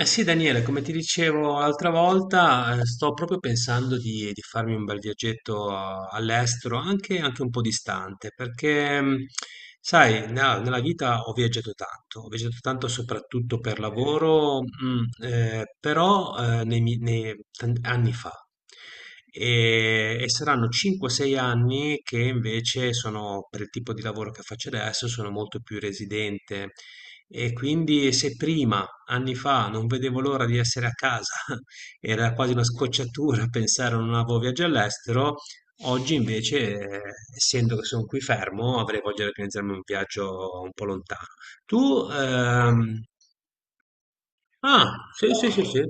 Sì Daniele, come ti dicevo l'altra volta, sto proprio pensando di farmi un bel viaggetto all'estero, anche un po' distante, perché sai, nella vita ho viaggiato tanto soprattutto per lavoro, però nei, mi- nei tan- anni fa. E saranno 5-6 anni che invece sono, per il tipo di lavoro che faccio adesso, sono molto più residente. E quindi se prima anni fa non vedevo l'ora di essere a casa, era quasi una scocciatura pensare a un nuovo viaggio all'estero. Oggi invece, essendo che sono qui fermo, avrei voglia di organizzarmi un viaggio un po' lontano. Tu, ah, sì, sì, sì, sì.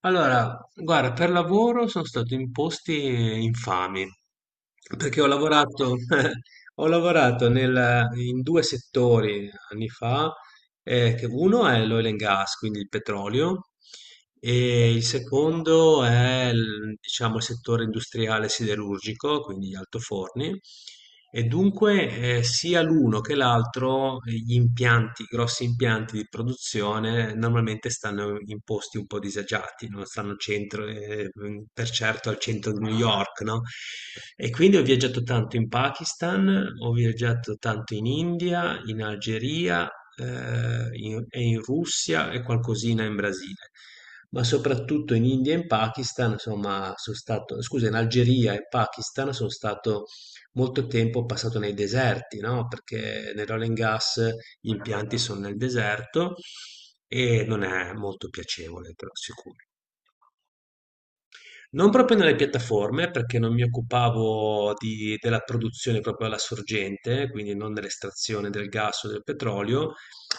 Allora, guarda, per lavoro sono stato in posti infami, perché ho lavorato, ho lavorato in due settori anni fa che uno è l'oil and gas, quindi il petrolio, e il secondo è il, diciamo, il settore industriale siderurgico, quindi gli altoforni, e dunque sia l'uno che l'altro, gli impianti, i grossi impianti di produzione normalmente stanno in posti un po' disagiati, non stanno al centro, per certo al centro di New York, no? E quindi ho viaggiato tanto in Pakistan, ho viaggiato tanto in India, in Algeria e in Russia e qualcosina in Brasile, ma soprattutto in India e in Pakistan, insomma, sono stato, scusa, in Algeria e Pakistan sono stato molto tempo passato nei deserti, no? Perché nel oil and gas gli impianti sono nel deserto e non è molto piacevole, però sicuro. Non proprio nelle piattaforme, perché non mi occupavo della produzione proprio alla sorgente, quindi non dell'estrazione del gas o del petrolio.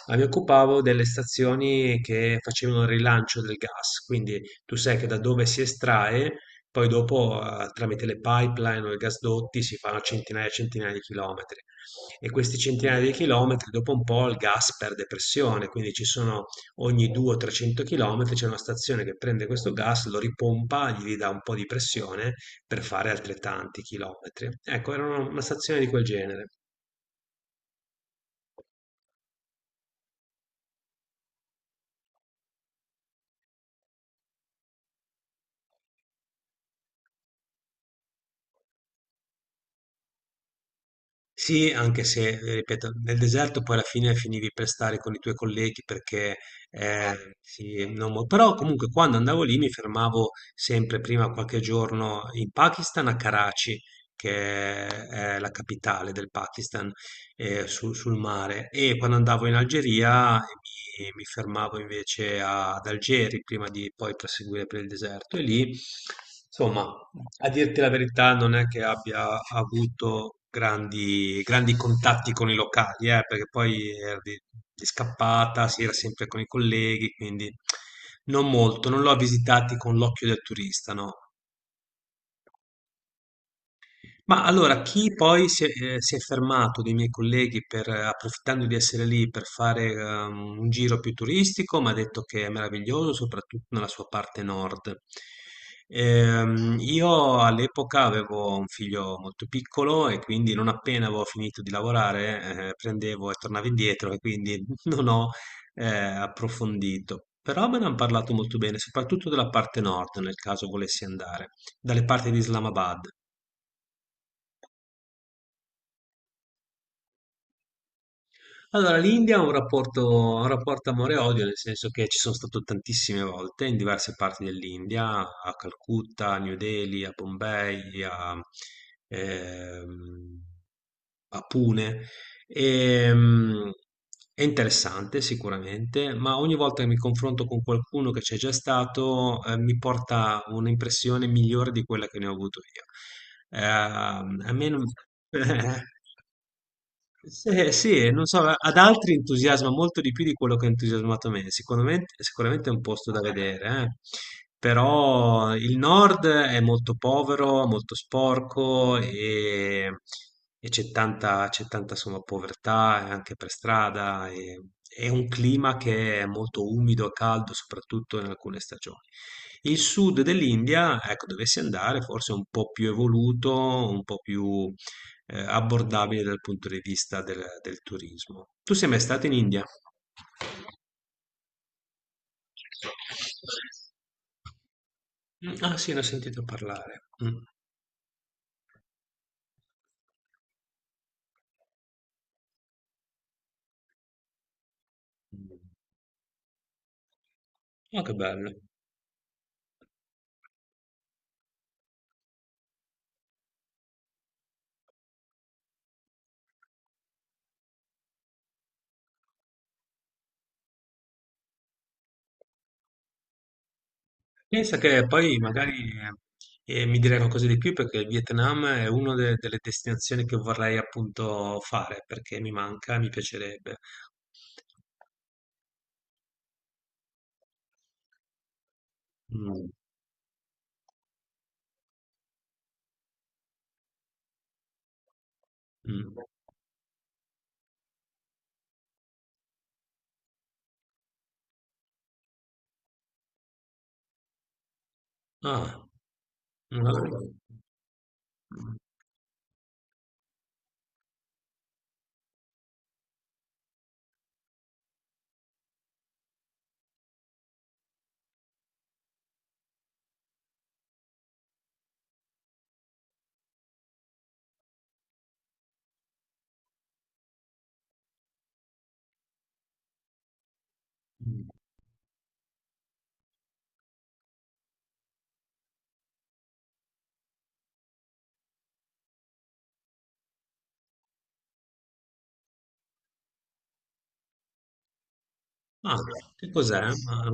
Ah, mi occupavo delle stazioni che facevano il rilancio del gas, quindi tu sai che da dove si estrae, poi dopo tramite le pipeline o i gasdotti si fanno centinaia e centinaia di chilometri e questi centinaia di chilometri dopo un po' il gas perde pressione, quindi ci sono ogni 200-300 chilometri c'è una stazione che prende questo gas, lo ripompa, gli ridà un po' di pressione per fare altrettanti chilometri. Ecco, era una stazione di quel genere. Sì, anche se, ripeto, nel deserto poi alla fine finivi per stare con i tuoi colleghi perché, sì, non mo- però comunque quando andavo lì mi fermavo sempre prima qualche giorno in Pakistan a Karachi, che è la capitale del Pakistan, sul mare, e quando andavo in Algeria mi fermavo invece ad Algeri prima di poi proseguire per il deserto e lì... Insomma, a dirti la verità, non è che abbia avuto grandi contatti con i locali, perché poi era di scappata, si era sempre con i colleghi, quindi non molto, non l'ho visitati con l'occhio del turista, no. Ma allora, chi poi si è fermato dei miei colleghi per, approfittando di essere lì per fare un giro più turistico, mi ha detto che è meraviglioso, soprattutto nella sua parte nord. Io all'epoca avevo un figlio molto piccolo e quindi non appena avevo finito di lavorare, prendevo e tornavo indietro e quindi non ho approfondito. Però me ne hanno parlato molto bene, soprattutto della parte nord, nel caso volessi andare, dalle parti di Islamabad. Allora, l'India ha un rapporto amore-odio, nel senso che ci sono stato tantissime volte in diverse parti dell'India, a Calcutta, a New Delhi, a Bombay, ehm, a Pune. E, mm, è interessante sicuramente, ma ogni volta che mi confronto con qualcuno che c'è già stato, mi porta un'impressione migliore di quella che ne ho avuto io. A me non... Sì, sì, non so, ad altri entusiasma molto di più di quello che ha entusiasmato me. Sicuramente, sicuramente è un posto da vedere, eh. Però il nord è molto povero, molto sporco e c'è tanta insomma, povertà anche per strada. E, è un clima che è molto umido e caldo, soprattutto in alcune stagioni. Il sud dell'India, ecco, dovessi andare, forse è un po' più evoluto, un po' più abbordabile dal punto di vista del, del turismo. Tu sei mai stato in India? Mm, ah sì, ne ho sentito parlare. Mm. Oh, che bello. Pensa che poi magari mi direi qualcosa di più perché il Vietnam è una delle destinazioni che vorrei appunto fare perché mi manca, mi piacerebbe. Mm, mm. Ah, una- mm. Mm. Ah, che cos'è? Ah,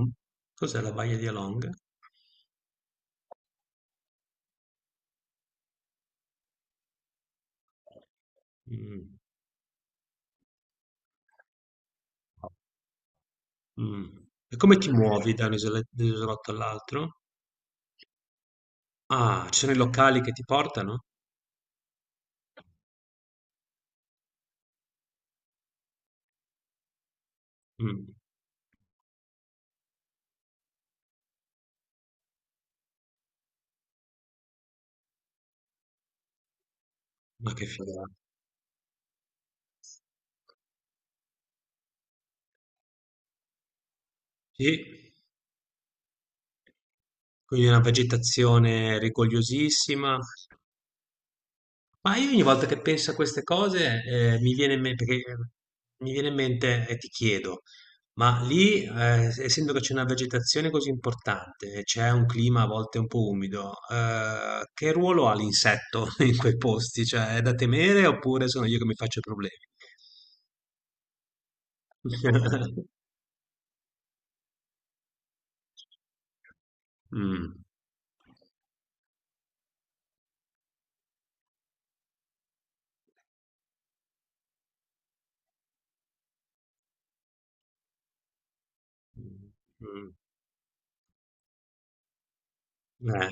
cos'è la Baia di Along? Mm. Mh. E come ti mh muovi da un isole da un isolotto all'altro? Ah, ci sono i locali che ti portano? Mh, ma che figata. Sì, quindi una vegetazione rigogliosissima. Ma io ogni volta che penso a queste cose, mi viene in me perché mi viene in mente e ti chiedo, ma lì, essendo che c'è una vegetazione così importante e c'è un clima a volte un po' umido, che ruolo ha l'insetto in quei posti? Cioè, è da temere oppure sono io che mi faccio problemi? Mh. Mh. Eh.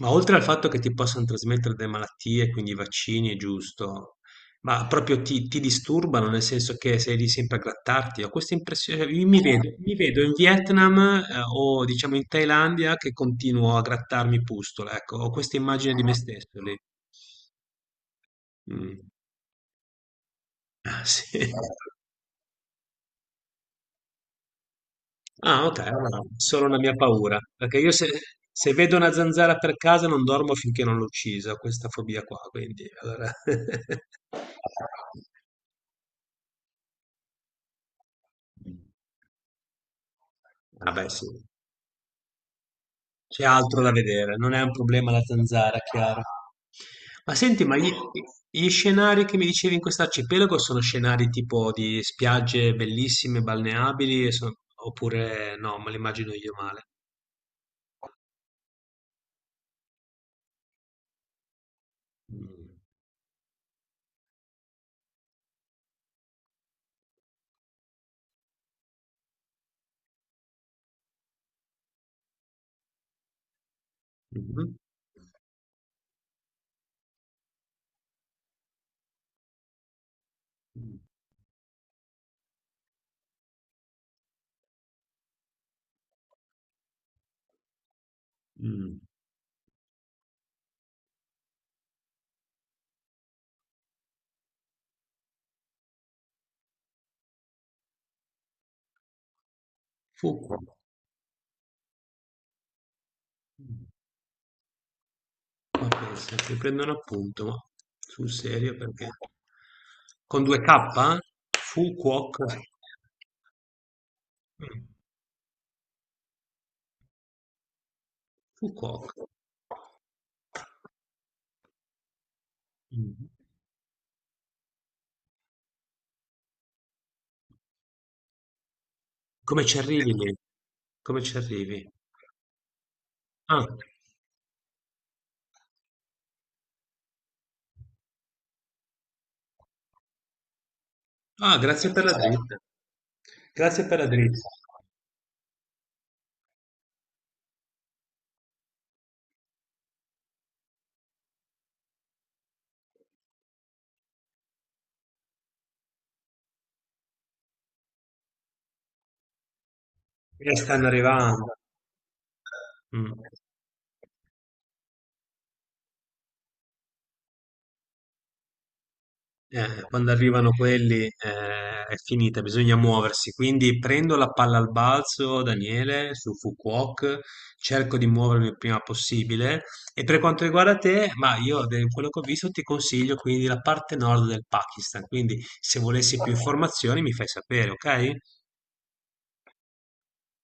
Ma oltre al fatto che ti possano trasmettere delle malattie, quindi i vaccini è giusto, ma proprio ti disturbano, nel senso che sei lì sempre a grattarti? Ho questa impressione, io mi vedo in Vietnam, o diciamo in Thailandia, che continuo a grattarmi pustola, ecco, ho questa immagine di me stesso lì. Mh. Ah, sì. Ah, ok, allora, solo una mia paura, perché io se, se vedo una zanzara per casa non dormo finché non l'ho uccisa, ho questa fobia qua, quindi allora... Vabbè, sì, c'è altro da vedere, non è un problema la zanzara, chiaro. Ma senti, ma gli scenari che mi dicevi in quest'arcipelago sono scenari tipo di spiagge bellissime, balneabili, e sono- oppure no, me li immagino io male. Mm. Mhm. Mm. Mm. Fu. Qua. Ma pensa, ti prendono appunto, ma sul serio perché? Con 2K? Fu Quoc. Mh, Fu Quoc. Mh. Come ci arrivi lì? Come ci arrivi? Ah. Ah, grazie per la dritta. Grazie per la dritta. Stanno arrivando. Mh. Quando arrivano quelli, è finita, bisogna muoversi. Quindi prendo la palla al balzo, Daniele, su Fukuok, cerco di muovermi il prima possibile. E per quanto riguarda te, ma io, da quello che ho visto, ti consiglio quindi la parte nord del Pakistan. Quindi se volessi più informazioni mi fai sapere, ok?